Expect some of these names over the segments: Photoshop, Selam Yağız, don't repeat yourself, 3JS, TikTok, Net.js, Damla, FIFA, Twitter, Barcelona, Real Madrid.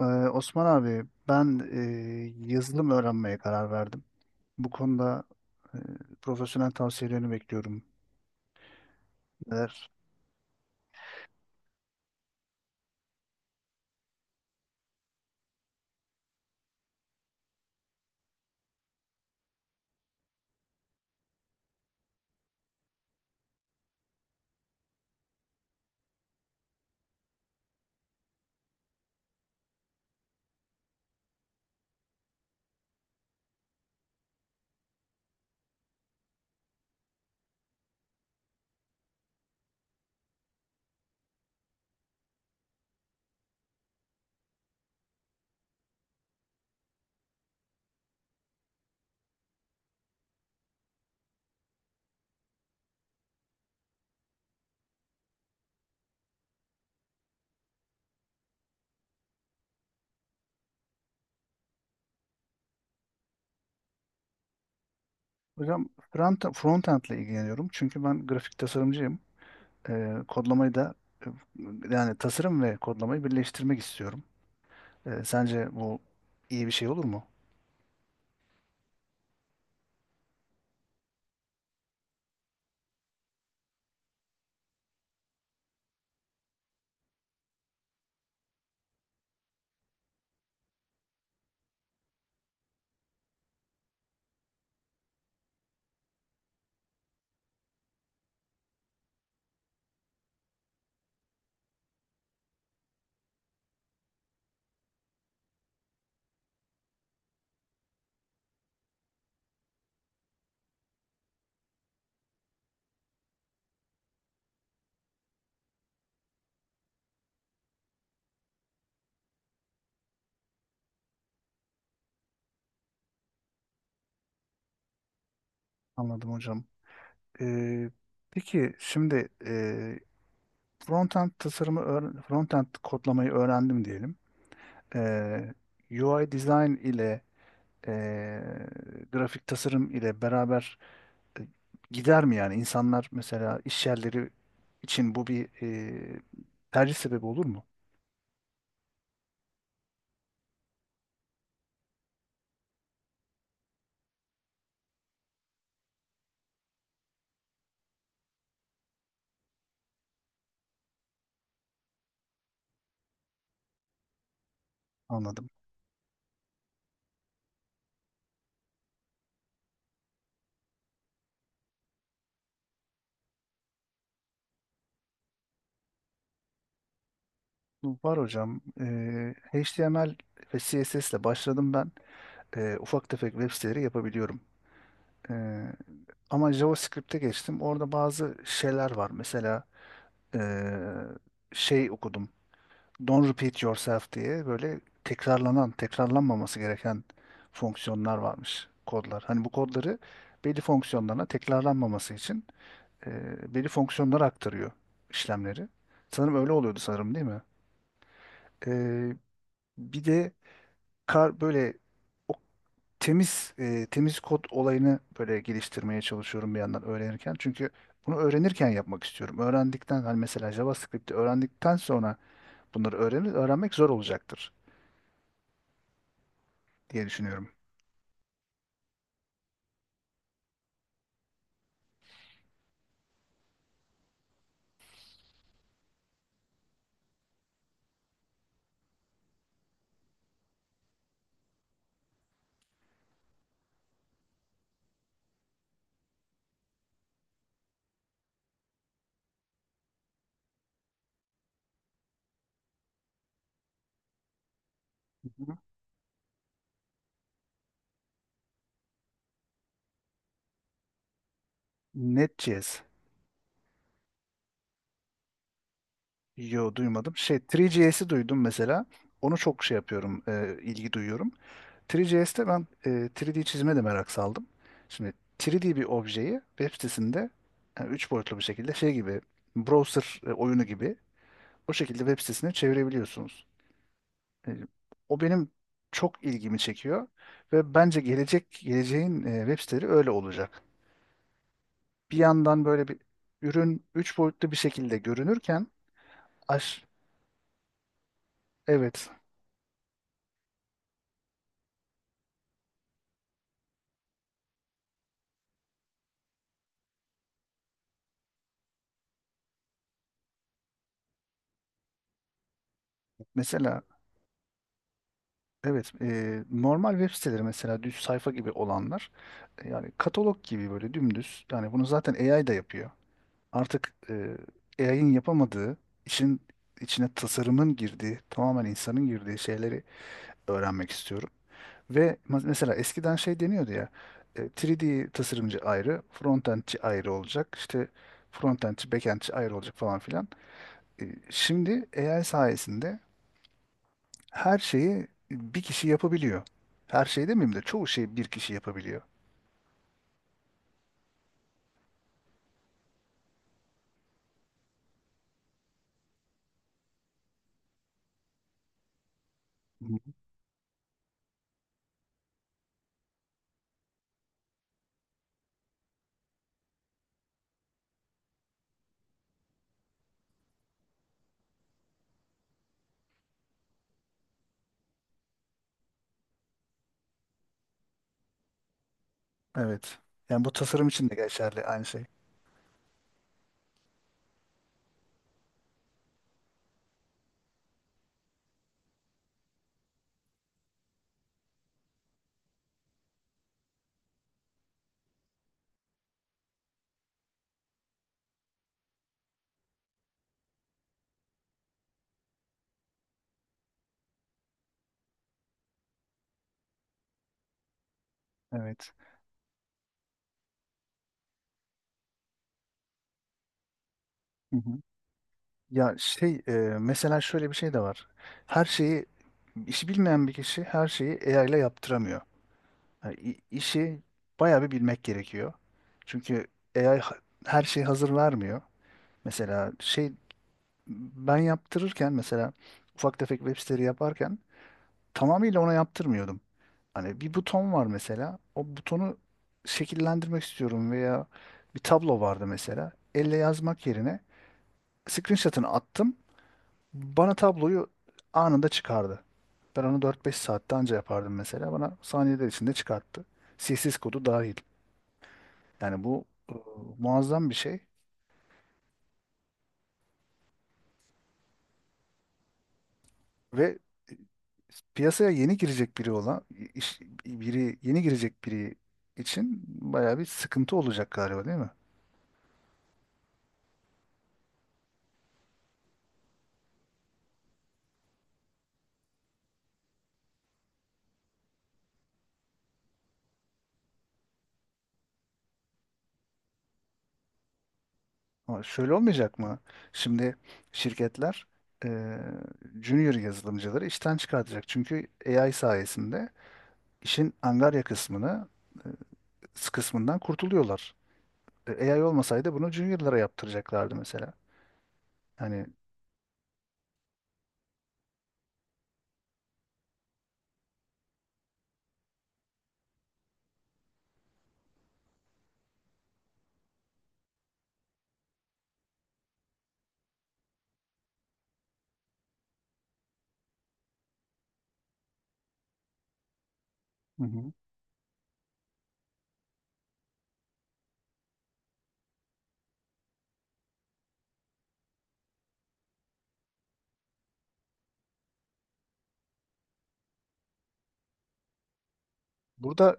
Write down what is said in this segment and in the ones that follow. Ee, Osman abi ben yazılım öğrenmeye karar verdim. Bu konuda e, profesyonel tavsiyelerini bekliyorum. Neler? Hocam frontend ile ilgileniyorum. Çünkü ben grafik tasarımcıyım. Kodlamayı da e, yani tasarım ve kodlamayı birleştirmek istiyorum. Sence bu iyi bir şey olur mu? Anladım hocam. Ee, peki şimdi frontend frontend kodlamayı öğrendim diyelim. Ee, UI design ile e, grafik tasarım ile beraber e, gider mi yani? İnsanlar mesela iş yerleri için bu bir tercih sebebi olur mu? Anladım. Var hocam. HTML ve CSS ile başladım ben. Ufak tefek web siteleri yapabiliyorum. E, Ama JavaScript'e geçtim. Orada bazı şeyler var. Mesela e, şey okudum. Don't repeat yourself diye böyle tekrarlanan, tekrarlanmaması gereken fonksiyonlar varmış kodlar. Hani bu kodları belli fonksiyonlarına tekrarlanmaması için belli fonksiyonlara aktarıyor işlemleri. Sanırım öyle oluyordu sanırım değil mi? E, Bir de kar böyle o temiz kod olayını böyle geliştirmeye çalışıyorum bir yandan öğrenirken. Çünkü bunu öğrenirken yapmak istiyorum. Öğrendikten hani mesela JavaScript'i öğrendikten sonra bunları öğrenmek zor olacaktır diye düşünüyorum. Hı. Net.js. Yo, duymadım. Şey, 3JS'i duydum mesela. Onu çok şey yapıyorum, ilgi duyuyorum. 3JS'te ben 3D çizime de merak saldım. Şimdi 3D bir objeyi web sitesinde, yani 3 boyutlu bir şekilde, şey gibi, browser oyunu gibi, o şekilde web sitesine çevirebiliyorsunuz. E, O benim çok ilgimi çekiyor ve bence geleceğin web siteleri öyle olacak. Bir yandan böyle bir ürün üç boyutlu bir şekilde görünürken. aş evet, mesela evet, normal web siteleri, mesela düz sayfa gibi olanlar, yani katalog gibi böyle dümdüz, yani bunu zaten AI da yapıyor. Artık AI'ın yapamadığı, işin içine tasarımın girdiği, tamamen insanın girdiği şeyleri öğrenmek istiyorum. Ve mesela eskiden şey deniyordu ya, 3D tasarımcı ayrı, frontendçi ayrı olacak, işte frontendçi, backendçi ayrı olacak falan filan. Şimdi AI sayesinde her şeyi bir kişi yapabiliyor. Her şey demeyeyim de çoğu şeyi bir kişi yapabiliyor. Hı hı. Evet. Yani bu tasarım için de geçerli aynı şey. Evet. Hı hı. Ya şey e, Mesela şöyle bir şey de var. Her şeyi işi bilmeyen bir kişi her şeyi AI ile yaptıramıyor. Yani işi bayağı bir bilmek gerekiyor. Çünkü AI her şeyi hazır vermiyor. Mesela şey, ben yaptırırken mesela ufak tefek web siteleri yaparken tamamıyla ona yaptırmıyordum. Hani bir buton var mesela. O butonu şekillendirmek istiyorum veya bir tablo vardı mesela. Elle yazmak yerine screenshot'ını attım. Bana tabloyu anında çıkardı. Ben onu dört beş saatte anca yapardım mesela. Bana saniyeler içinde çıkarttı. CSS kodu dahil. Yani bu e, muazzam bir şey ve e, piyasaya yeni girecek biri olan, iş- biri, yeni girecek biri için bayağı bir sıkıntı olacak galiba değil mi? Ama şöyle olmayacak mı? Şimdi şirketler e, junior yazılımcıları işten çıkartacak. Çünkü AI sayesinde işin angarya kısmından kurtuluyorlar. AI olmasaydı bunu juniorlara yaptıracaklardı mesela. Yani Hı hı. burada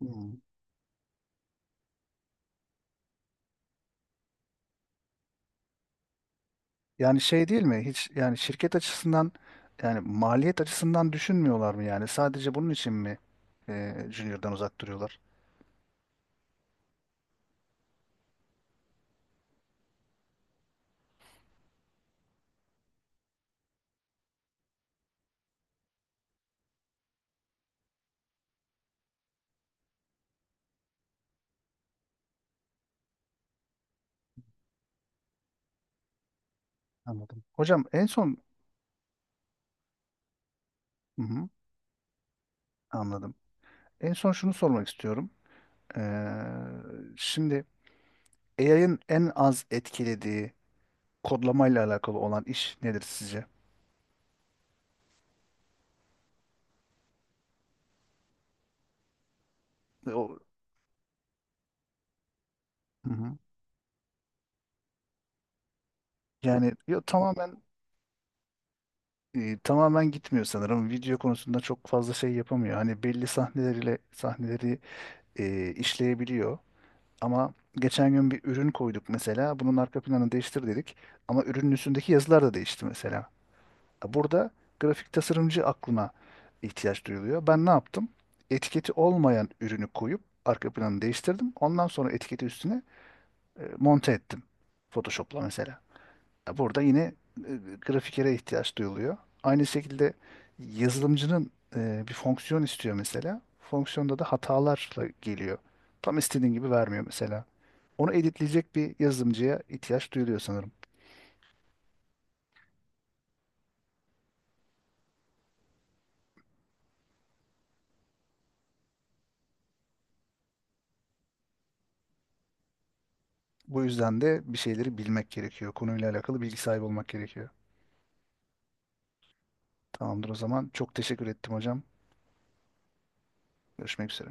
Hı. Yani şey, değil mi? Hiç, yani şirket açısından, yani maliyet açısından düşünmüyorlar mı yani? Sadece bunun için mi Junior'dan uzak duruyorlar? Anladım. Hocam, en son, hı hı, anladım. En son şunu sormak istiyorum. Ee, Şimdi AI'ın en az etkilediği, kodlamayla alakalı olan iş nedir sizce? E, O, Hı hı. Yani yo, tamamen gitmiyor sanırım. Video konusunda çok fazla şey yapamıyor. Hani belli sahneleri işleyebiliyor. Ama geçen gün bir ürün koyduk mesela. Bunun arka planını değiştir dedik. Ama ürünün üstündeki yazılar da değişti mesela. Burada grafik tasarımcı aklına ihtiyaç duyuluyor. Ben ne yaptım? Etiketi olmayan ürünü koyup arka planını değiştirdim. Ondan sonra etiketi üstüne monte ettim. Photoshop'la mesela. Ya, burada yine e, grafikere ihtiyaç duyuluyor. Aynı şekilde yazılımcının bir fonksiyon istiyor mesela. Fonksiyonda da hatalarla geliyor. Tam istediğin gibi vermiyor mesela. Onu editleyecek bir yazılımcıya ihtiyaç duyuluyor sanırım. Bu yüzden de bir şeyleri bilmek gerekiyor. Konuyla alakalı bilgi sahibi olmak gerekiyor. Tamamdır o zaman. Çok teşekkür ettim hocam. Görüşmek üzere.